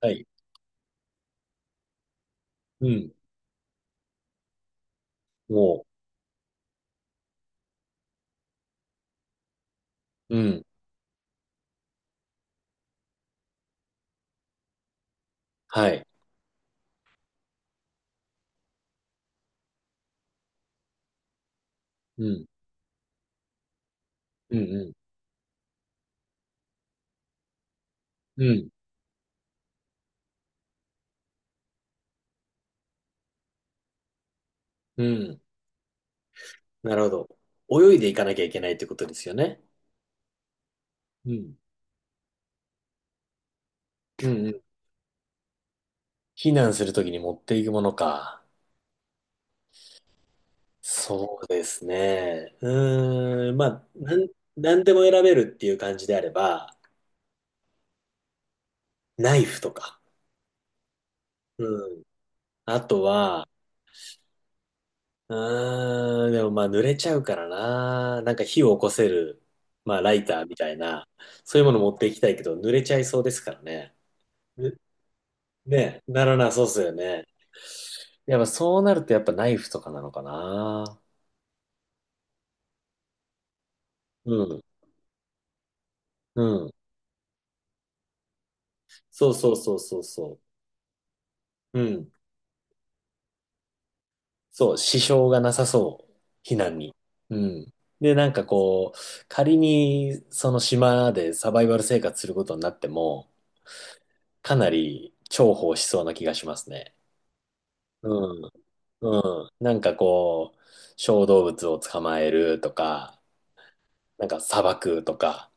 はい。うん。もう、うん。はい。うん。うん。うん。うん。うんなるほど。泳いでいかなきゃいけないってことですよね。うん。うんうん。避難するときに持っていくものか。そうですね。うーん。まあ、なんでも選べるっていう感じであれば、ナイフとか。うん。あとは、うーん。でもまあ、濡れちゃうからな。なんか火を起こせる、まあ、ライターみたいな、そういうもの持っていきたいけど、濡れちゃいそうですからね。ね、ならなそうっすよね。やっぱそうなるとやっぱナイフとかなのかな。うん、うん。そうそうそうそうそう。うん。そう、支障がなさそう。避難に。うん。で、なんかこう、仮にその島でサバイバル生活することになっても、かなり重宝しそうな気がしますね。うん、うん。なんかこう、小動物を捕まえるとか、なんか砂漠とか、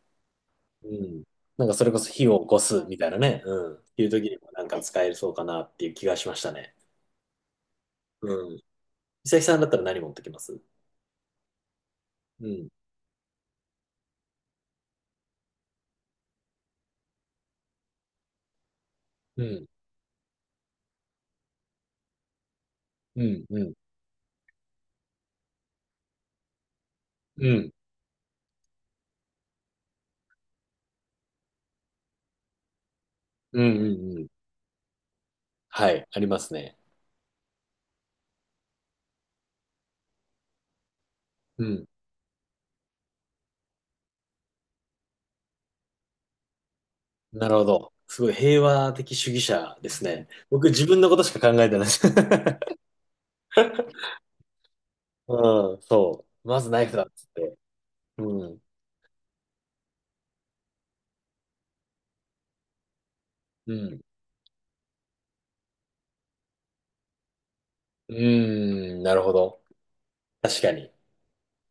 うん。なんかそれこそ火を起こすみたいなね。うん。っていう時にもなんか使えそうかなっていう気がしましたね。うん。美咲さんだったら何持ってきます？うん。うん。うん。うん。うん。うん。うんうんはい。ありますね。うん。なるほど。すごい平和的主義者ですね。僕自分のことしか考えてないです。うん。そう。まずナイフだっつって。うん。うん。うーん。なるほど。確かに。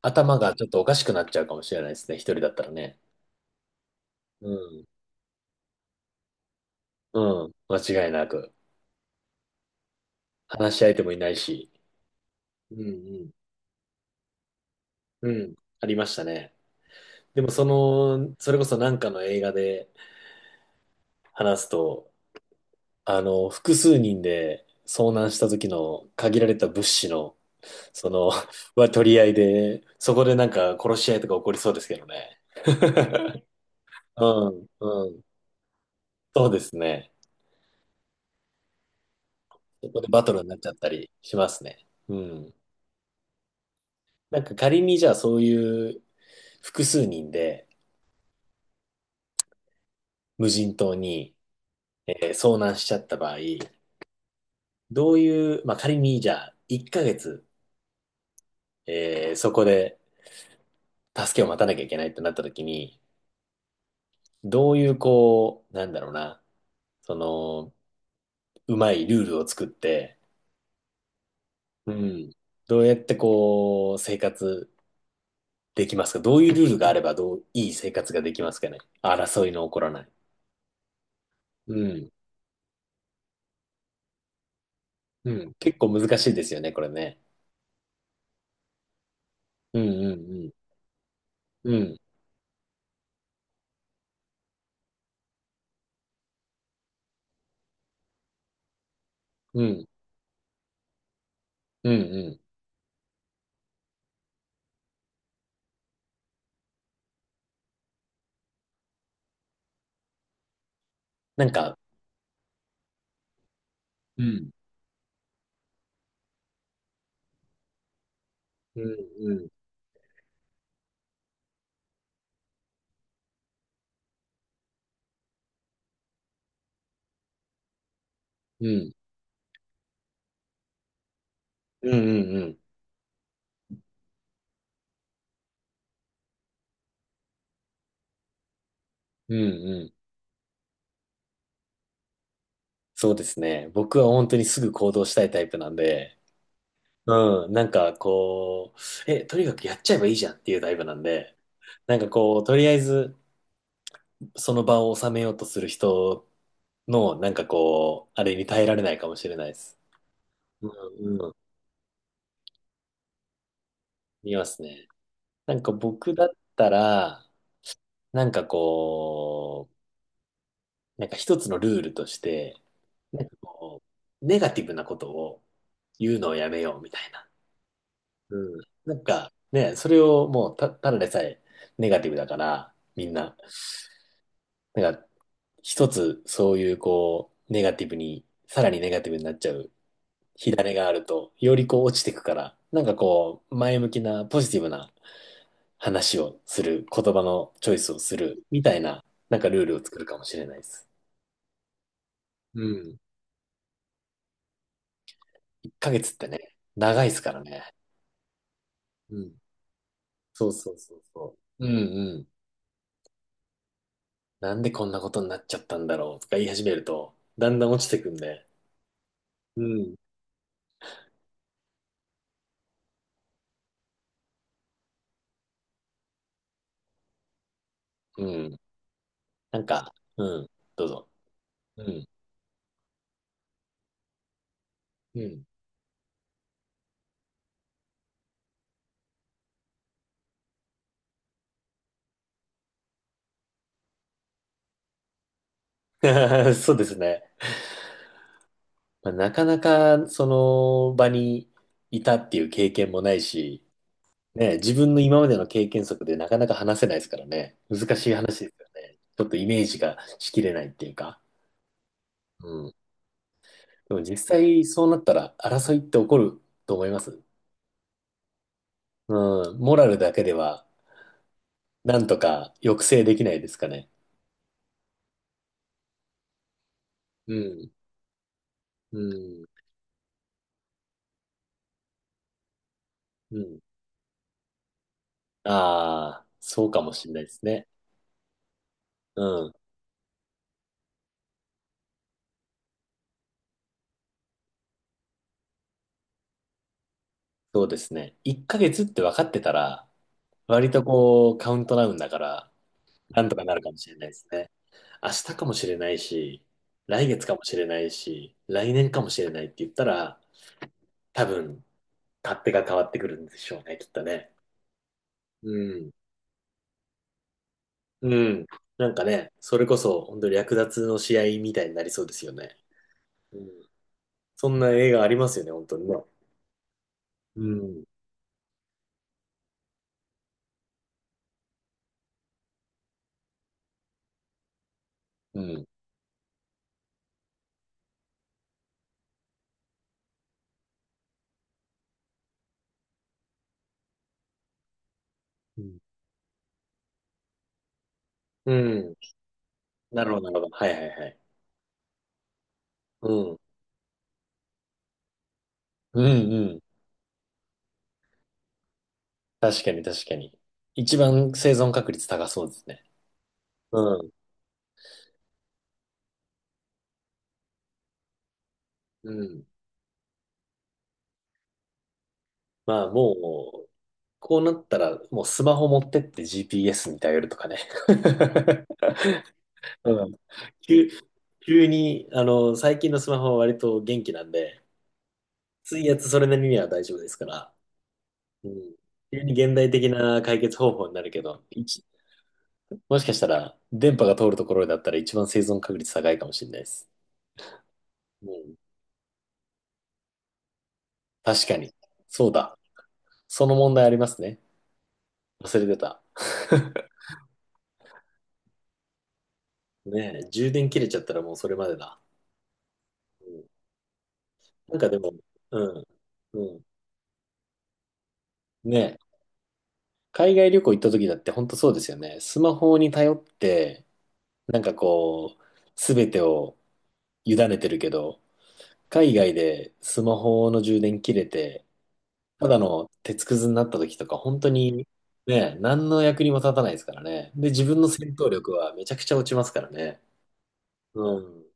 頭がちょっとおかしくなっちゃうかもしれないですね。一人だったらね。うん。うん、間違いなく。話し相手もいないし。うんうん。うん、ありましたね。でもその、それこそなんかの映画で話すと、複数人で遭難した時の限られた物資の、その、は取り合いで、そこでなんか殺し合いとか起こりそうですけどね。うん、うん。そうですね。そこでバトルになっちゃったりしますね。うん。なんか仮にじゃあそういう複数人で無人島に遭難しちゃった場合、どういう、まあ、仮にじゃあ1ヶ月、そこで助けを待たなきゃいけないってなった時に、どういうこう、なんだろうな、その、うまいルールを作って、うん、どうやってこう、生活できますか？どういうルールがあればどう、いい生活ができますかね、争いの起こらない。うん、うん、結構難しいですよね、これね。うんうんうん。うんうんうんうん。なんか、うんうんうんうん。うんうんうん。うんうん。そうですね。僕は本当にすぐ行動したいタイプなんで、うん、なんかこう、とにかくやっちゃえばいいじゃんっていうタイプなんで、なんかこう、とりあえずその場を収めようとする人の、なんかこう、あれに耐えられないかもしれないです。うんうん。見ますね。なんか僕だったら、なんかこなんか一つのルールとして、なんかこう、ネガティブなことを言うのをやめようみたいな。うん。なんかね、それをもうた、ただでさえネガティブだから、みんな。なんか、一つそういうこう、ネガティブに、さらにネガティブになっちゃう火種があると、よりこう落ちてくから、なんかこう、前向きなポジティブな話をする、言葉のチョイスをする、みたいな、なんかルールを作るかもしれないです。うん。1ヶ月ってね、長いですからね。うん。そうそうそうそう。うんうん。なんでこんなことになっちゃったんだろうとか言い始めると、だんだん落ちてくんで。うん。うん。なんか、うん。どうぞ。うん。うん。そうですね。まあ、なかなかその場にいたっていう経験もないし、ね、自分の今までの経験則でなかなか話せないですからね。難しい話ですよね。ちょっとイメージがしきれないっていうか。うん。でも実際そうなったら争いって起こると思います。うん。モラルだけではなんとか抑制できないですかね。うん、うん、うん。ああ、そうかもしれないですね。うん、そうですね。1ヶ月って分かってたら、割とこう、カウントダウンだから、なんとかなるかもしれないですね。明日かもしれないし、来月かもしれないし、来年かもしれないって言ったら、多分、勝手が変わってくるんでしょうね、きっとね。うん。うん。なんかね、それこそ、本当に略奪の試合みたいになりそうですよね。うん、そんな映画ありますよね、本当にね。うん。うん。うん。うん。なるほど、なるほど。はいはいはい。うん。うんうん。確かに、確かに。一番生存確率高そうですね。うん。うん。まあもう、こうなったら、もうスマホ持ってって GPS に頼るとかね。うん。急、急に、あの、最近のスマホは割と元気なんで、水圧それなりには大丈夫ですから、うん。急に現代的な解決方法になるけど、一もしかしたら、電波が通るところだったら一番生存確率高いかもしれないです。うん。確かに。そうだ。その問題ありますね。忘れてた。ねえ、充電切れちゃったらもうそれまでだ。うん。なんかでも、うん。うん。ねえ、海外旅行行った時だって本当そうですよね。スマホに頼って、なんかこう、すべてを委ねてるけど、海外でスマホの充電切れて、ただの鉄くずになった時とか、本当にね、何の役にも立たないですからね。で、自分の戦闘力はめちゃくちゃ落ちますからね。うん。